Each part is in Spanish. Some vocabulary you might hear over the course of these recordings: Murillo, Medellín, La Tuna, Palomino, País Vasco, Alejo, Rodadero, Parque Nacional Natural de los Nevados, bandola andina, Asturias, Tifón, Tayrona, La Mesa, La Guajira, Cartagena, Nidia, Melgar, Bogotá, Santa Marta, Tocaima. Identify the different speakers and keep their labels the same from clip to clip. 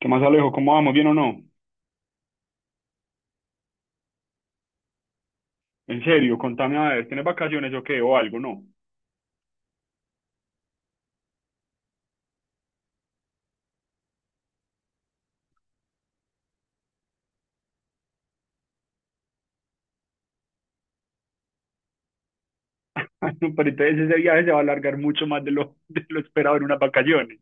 Speaker 1: ¿Qué más, Alejo? ¿Cómo vamos? ¿Bien o no? En serio, contame a ver, ¿tienes vacaciones o qué? ¿O algo? No. Ay, no, pero entonces ese viaje se va a alargar mucho más de lo, de lo esperado en unas vacaciones.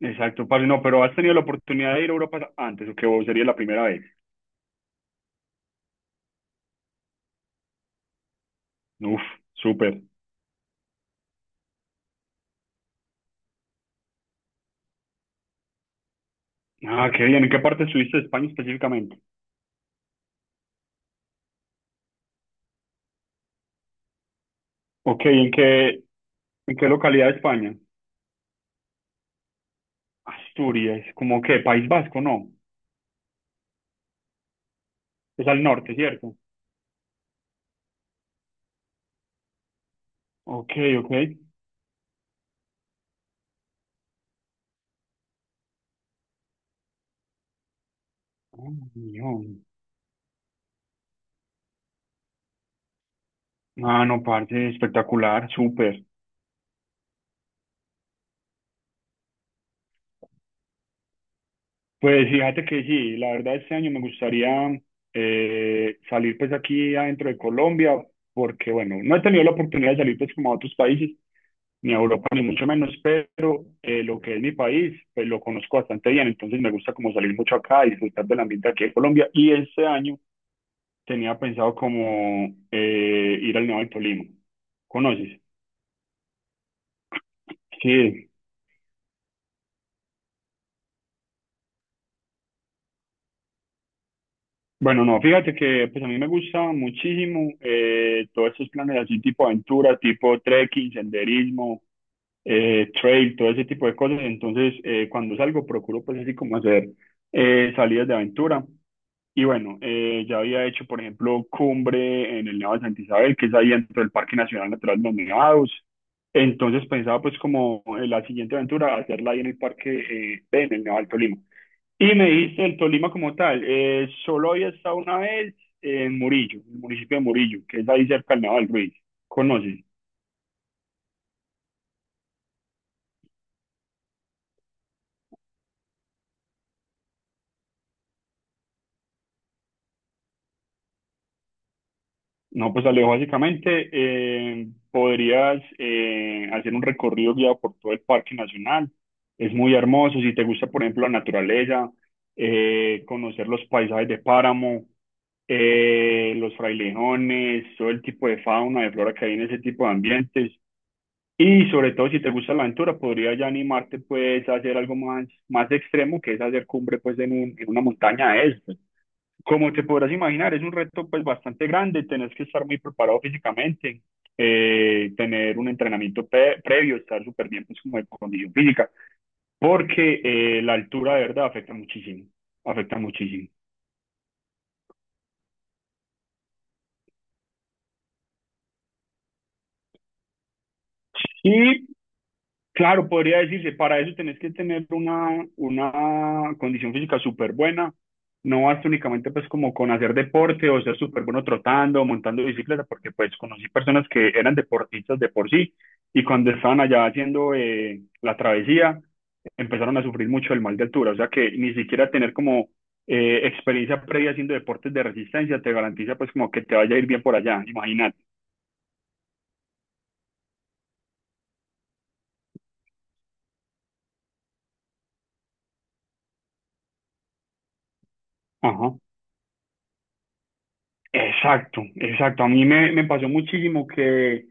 Speaker 1: Exacto, parce, no, pero ¿has tenido la oportunidad de ir a Europa antes o qué? ¿O sería la primera vez? Uf, súper. Ah, qué bien. ¿En qué parte estuviste de España específicamente? Ok, ¿en qué localidad de España? Asturias, ¿como qué? País Vasco, no. Es al norte, ¿cierto? Ok, ok. Oh, Dios. Ah, no, parce, espectacular, súper. Pues fíjate que sí, la verdad este año me gustaría salir pues aquí adentro de Colombia, porque bueno, no he tenido la oportunidad de salir pues como a otros países, ni a Europa ni mucho menos, pero lo que es mi país, pues lo conozco bastante bien, entonces me gusta como salir mucho acá y disfrutar del ambiente aquí de Colombia, y este año tenía pensado como ir al Nevado del Tolima. ¿Conoces? Sí. Bueno, no, fíjate que pues a mí me gusta muchísimo todos esos planes así tipo aventura, tipo trekking, senderismo, trail, todo ese tipo de cosas. Entonces, cuando salgo procuro pues así como hacer salidas de aventura. Y bueno, ya había hecho, por ejemplo, cumbre en el Nevado de Santa Isabel, que es ahí dentro del Parque Nacional Natural de los Nevados. Entonces pensaba pues como en la siguiente aventura hacerla ahí en el parque, en el Nevado del Tolima. Y me dijiste el Tolima como tal. Solo había estado una vez en Murillo, en el municipio de Murillo, que es ahí cerca del Nevado del Ruiz. ¿Conoces? No, pues Alejo, básicamente podrías hacer un recorrido guiado por todo el Parque Nacional. Es muy hermoso. Si te gusta, por ejemplo, la naturaleza, conocer los paisajes de páramo, los frailejones, todo el tipo de fauna, de flora que hay en ese tipo de ambientes. Y sobre todo si te gusta la aventura, podría ya animarte pues a hacer algo más, más extremo, que es hacer cumbre pues en un- en una montaña de esas. Como te podrás imaginar, es un reto pues bastante grande, tenés que estar muy preparado físicamente, tener un entrenamiento previo, estar súper bien pues como de condición física, porque la altura de verdad afecta muchísimo, afecta muchísimo. Claro, podría decirse, para eso tenés que tener una condición física súper buena. No basta únicamente pues como con hacer deporte o ser súper bueno trotando o montando bicicleta, porque pues conocí personas que eran deportistas de por sí y cuando estaban allá haciendo la travesía empezaron a sufrir mucho el mal de altura. O sea que ni siquiera tener como experiencia previa haciendo deportes de resistencia te garantiza pues como que te vaya a ir bien por allá, imagínate. Ajá. Exacto, exacto. A mí me pasó muchísimo que,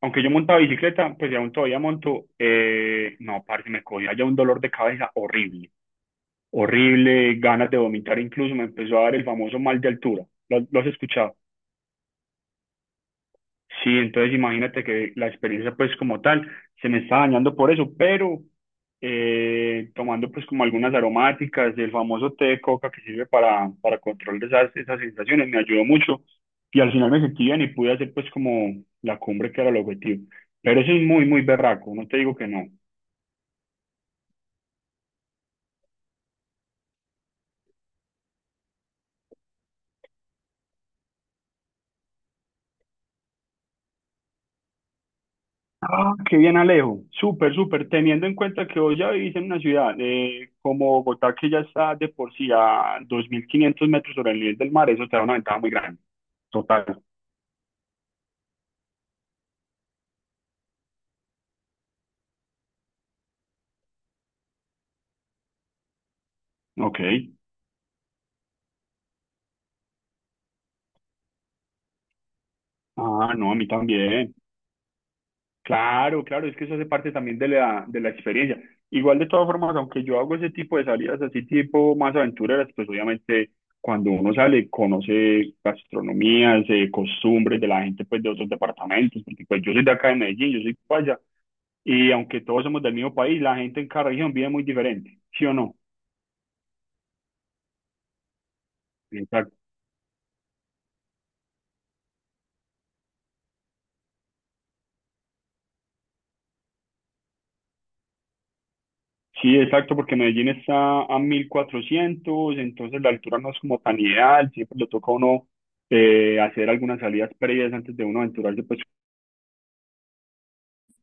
Speaker 1: aunque yo montaba bicicleta, pues ya aún todavía monto, no, parce, me cogía ya un dolor de cabeza horrible, horrible, ganas de vomitar incluso, me empezó a dar el famoso mal de altura. ¿Lo has escuchado? Sí, entonces imagínate que la experiencia pues como tal se me está dañando por eso, pero tomando pues como algunas aromáticas, el famoso té de coca que sirve para, control de esas sensaciones, me ayudó mucho y al final me sentí bien y pude hacer pues como la cumbre que era el objetivo. Pero eso es muy, muy berraco, no te digo que no. Ah, qué bien, Alejo, súper, súper, teniendo en cuenta que hoy ya vivís en una ciudad como Bogotá que ya está de por sí a 2.500 metros sobre el nivel del mar, eso te da una ventaja muy grande. Total, ok. Ah, no, a mí también. Claro, claro, es que eso hace parte también de la experiencia. Igual de todas formas, aunque yo hago ese tipo de salidas así tipo más aventureras, pues obviamente cuando uno sale conoce gastronomías, costumbres de la gente pues de otros departamentos, porque pues yo soy de acá de Medellín, yo soy paisa, y aunque todos somos del mismo país, la gente en cada región vive muy diferente, ¿sí o no? Sí, exacto, porque Medellín está a 1.400, entonces la altura no es como tan ideal, siempre le toca a uno hacer algunas salidas previas antes de uno aventurarse, pues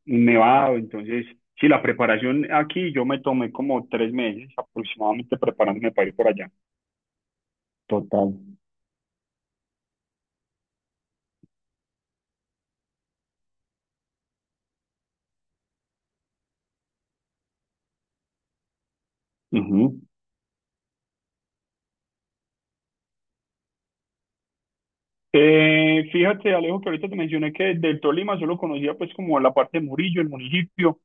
Speaker 1: un nevado, entonces sí, la preparación aquí yo me tomé como 3 meses aproximadamente preparándome para ir por allá. Total. Ujú. Fíjate, Alejo, que ahorita te mencioné que del Tolima solo conocía pues como la parte de Murillo, el municipio.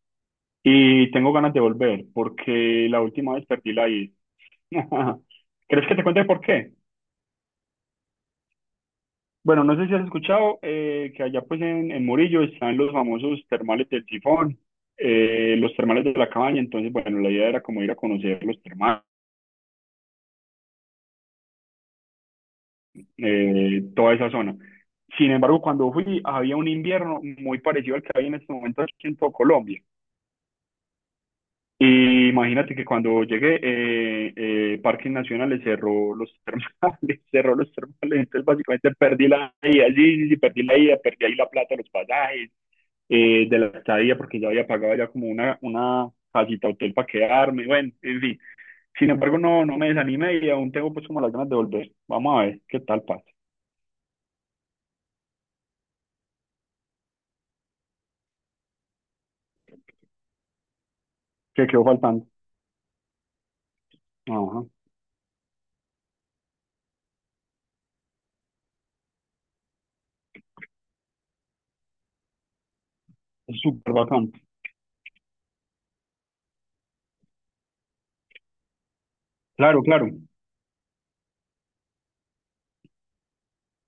Speaker 1: Y tengo ganas de volver, porque la última vez perdí la ida. ¿Crees que te cuente por qué? Bueno, no sé si has escuchado que allá pues en Murillo están los famosos termales del Tifón, los termales de la cabaña, entonces bueno, la idea era como ir a conocer los termales, toda esa zona. Sin embargo, cuando fui había un invierno muy parecido al que hay en este momento aquí en todo Colombia. Y imagínate que cuando llegué, Parques Nacionales cerró los termales, cerró los termales, entonces básicamente perdí la ida, sí, sí, sí, perdí la ida, perdí ahí la plata, los pasajes, de la estadía, porque ya había pagado ya como una casita hotel para quedarme, bueno, en fin. Sin embargo, no, no me desanimé y aún tengo pues como las ganas de volver. Vamos a ver qué tal pasa, qué quedó faltando. Ajá, es súper bacán. Claro, claro.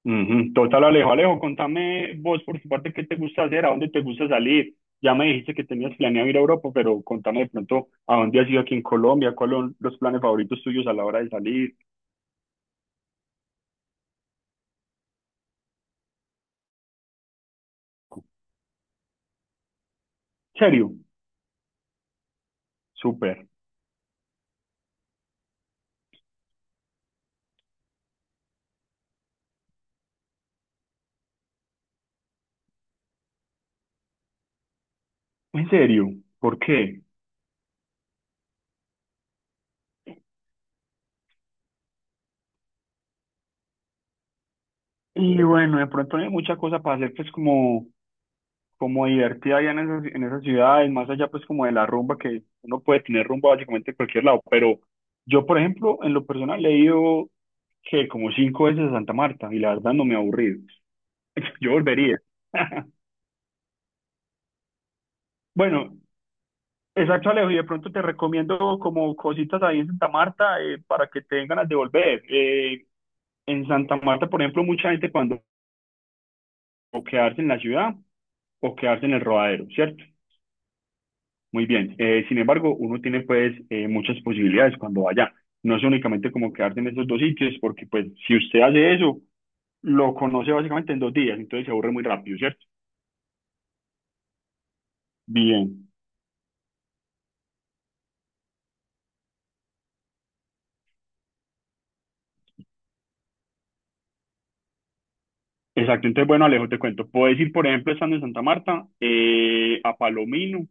Speaker 1: Ujú. Total, Alejo. Alejo, contame vos por tu parte qué te gusta hacer, a dónde te gusta salir. Ya me dijiste que tenías planeado ir a Europa, pero contame de pronto a dónde has ido aquí en Colombia, cuáles son los planes favoritos tuyos a la hora de salir. ¿En serio? Súper. ¿En serio? ¿Por qué? Y bueno, de pronto no hay mucha cosa para hacer, pues como divertida allá en esas ciudades, más allá pues como de la rumba, que uno puede tener rumba básicamente en cualquier lado, pero yo por ejemplo, en lo personal he ido que como cinco veces a Santa Marta y la verdad no me ha aburrido. Yo volvería. Bueno, exacto, Alejo, y de pronto te recomiendo como cositas ahí en Santa Marta para que tengan ganas de volver. En Santa Marta, por ejemplo, mucha gente cuando o quedarse en la ciudad o quedarse en el rodadero, ¿cierto? Muy bien. Sin embargo, uno tiene pues muchas posibilidades cuando vaya. No es únicamente como quedarse en esos dos sitios, porque pues si usted hace eso, lo conoce básicamente en 2 días, entonces se aburre muy rápido, ¿cierto? Bien. Exacto, entonces bueno, Alejo, te cuento. Puedes ir, por ejemplo, estando en Santa Marta, a Palomino,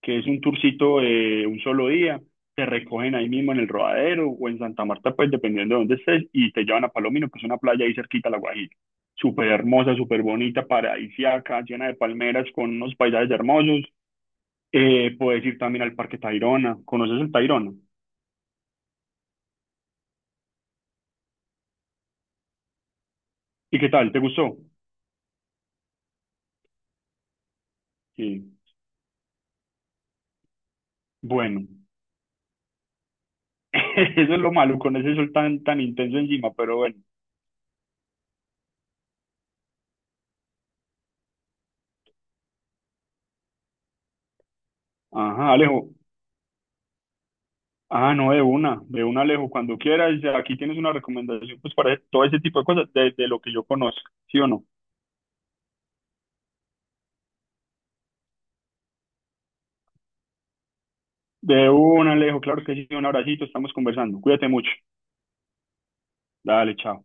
Speaker 1: que es un tourcito de un solo día. Te recogen ahí mismo en el Rodadero o en Santa Marta, pues dependiendo de dónde estés, y te llevan a Palomino, que es una playa ahí cerquita a La Guajira. Súper hermosa, súper bonita, paradisíaca, llena de palmeras con unos paisajes hermosos. Puedes ir también al Parque Tayrona. ¿Conoces el Tayrona? ¿Y qué tal? ¿Te gustó? Sí. Bueno, eso es lo malo con ese sol tan, tan intenso encima, pero bueno. Ajá, Alejo. Ah, no, de una, Alejo. Cuando quieras, ya aquí tienes una recomendación pues para todo ese tipo de cosas, de, lo que yo conozco, ¿sí o no? De una, Alejo, claro que sí, un abracito, estamos conversando. Cuídate mucho. Dale, chao.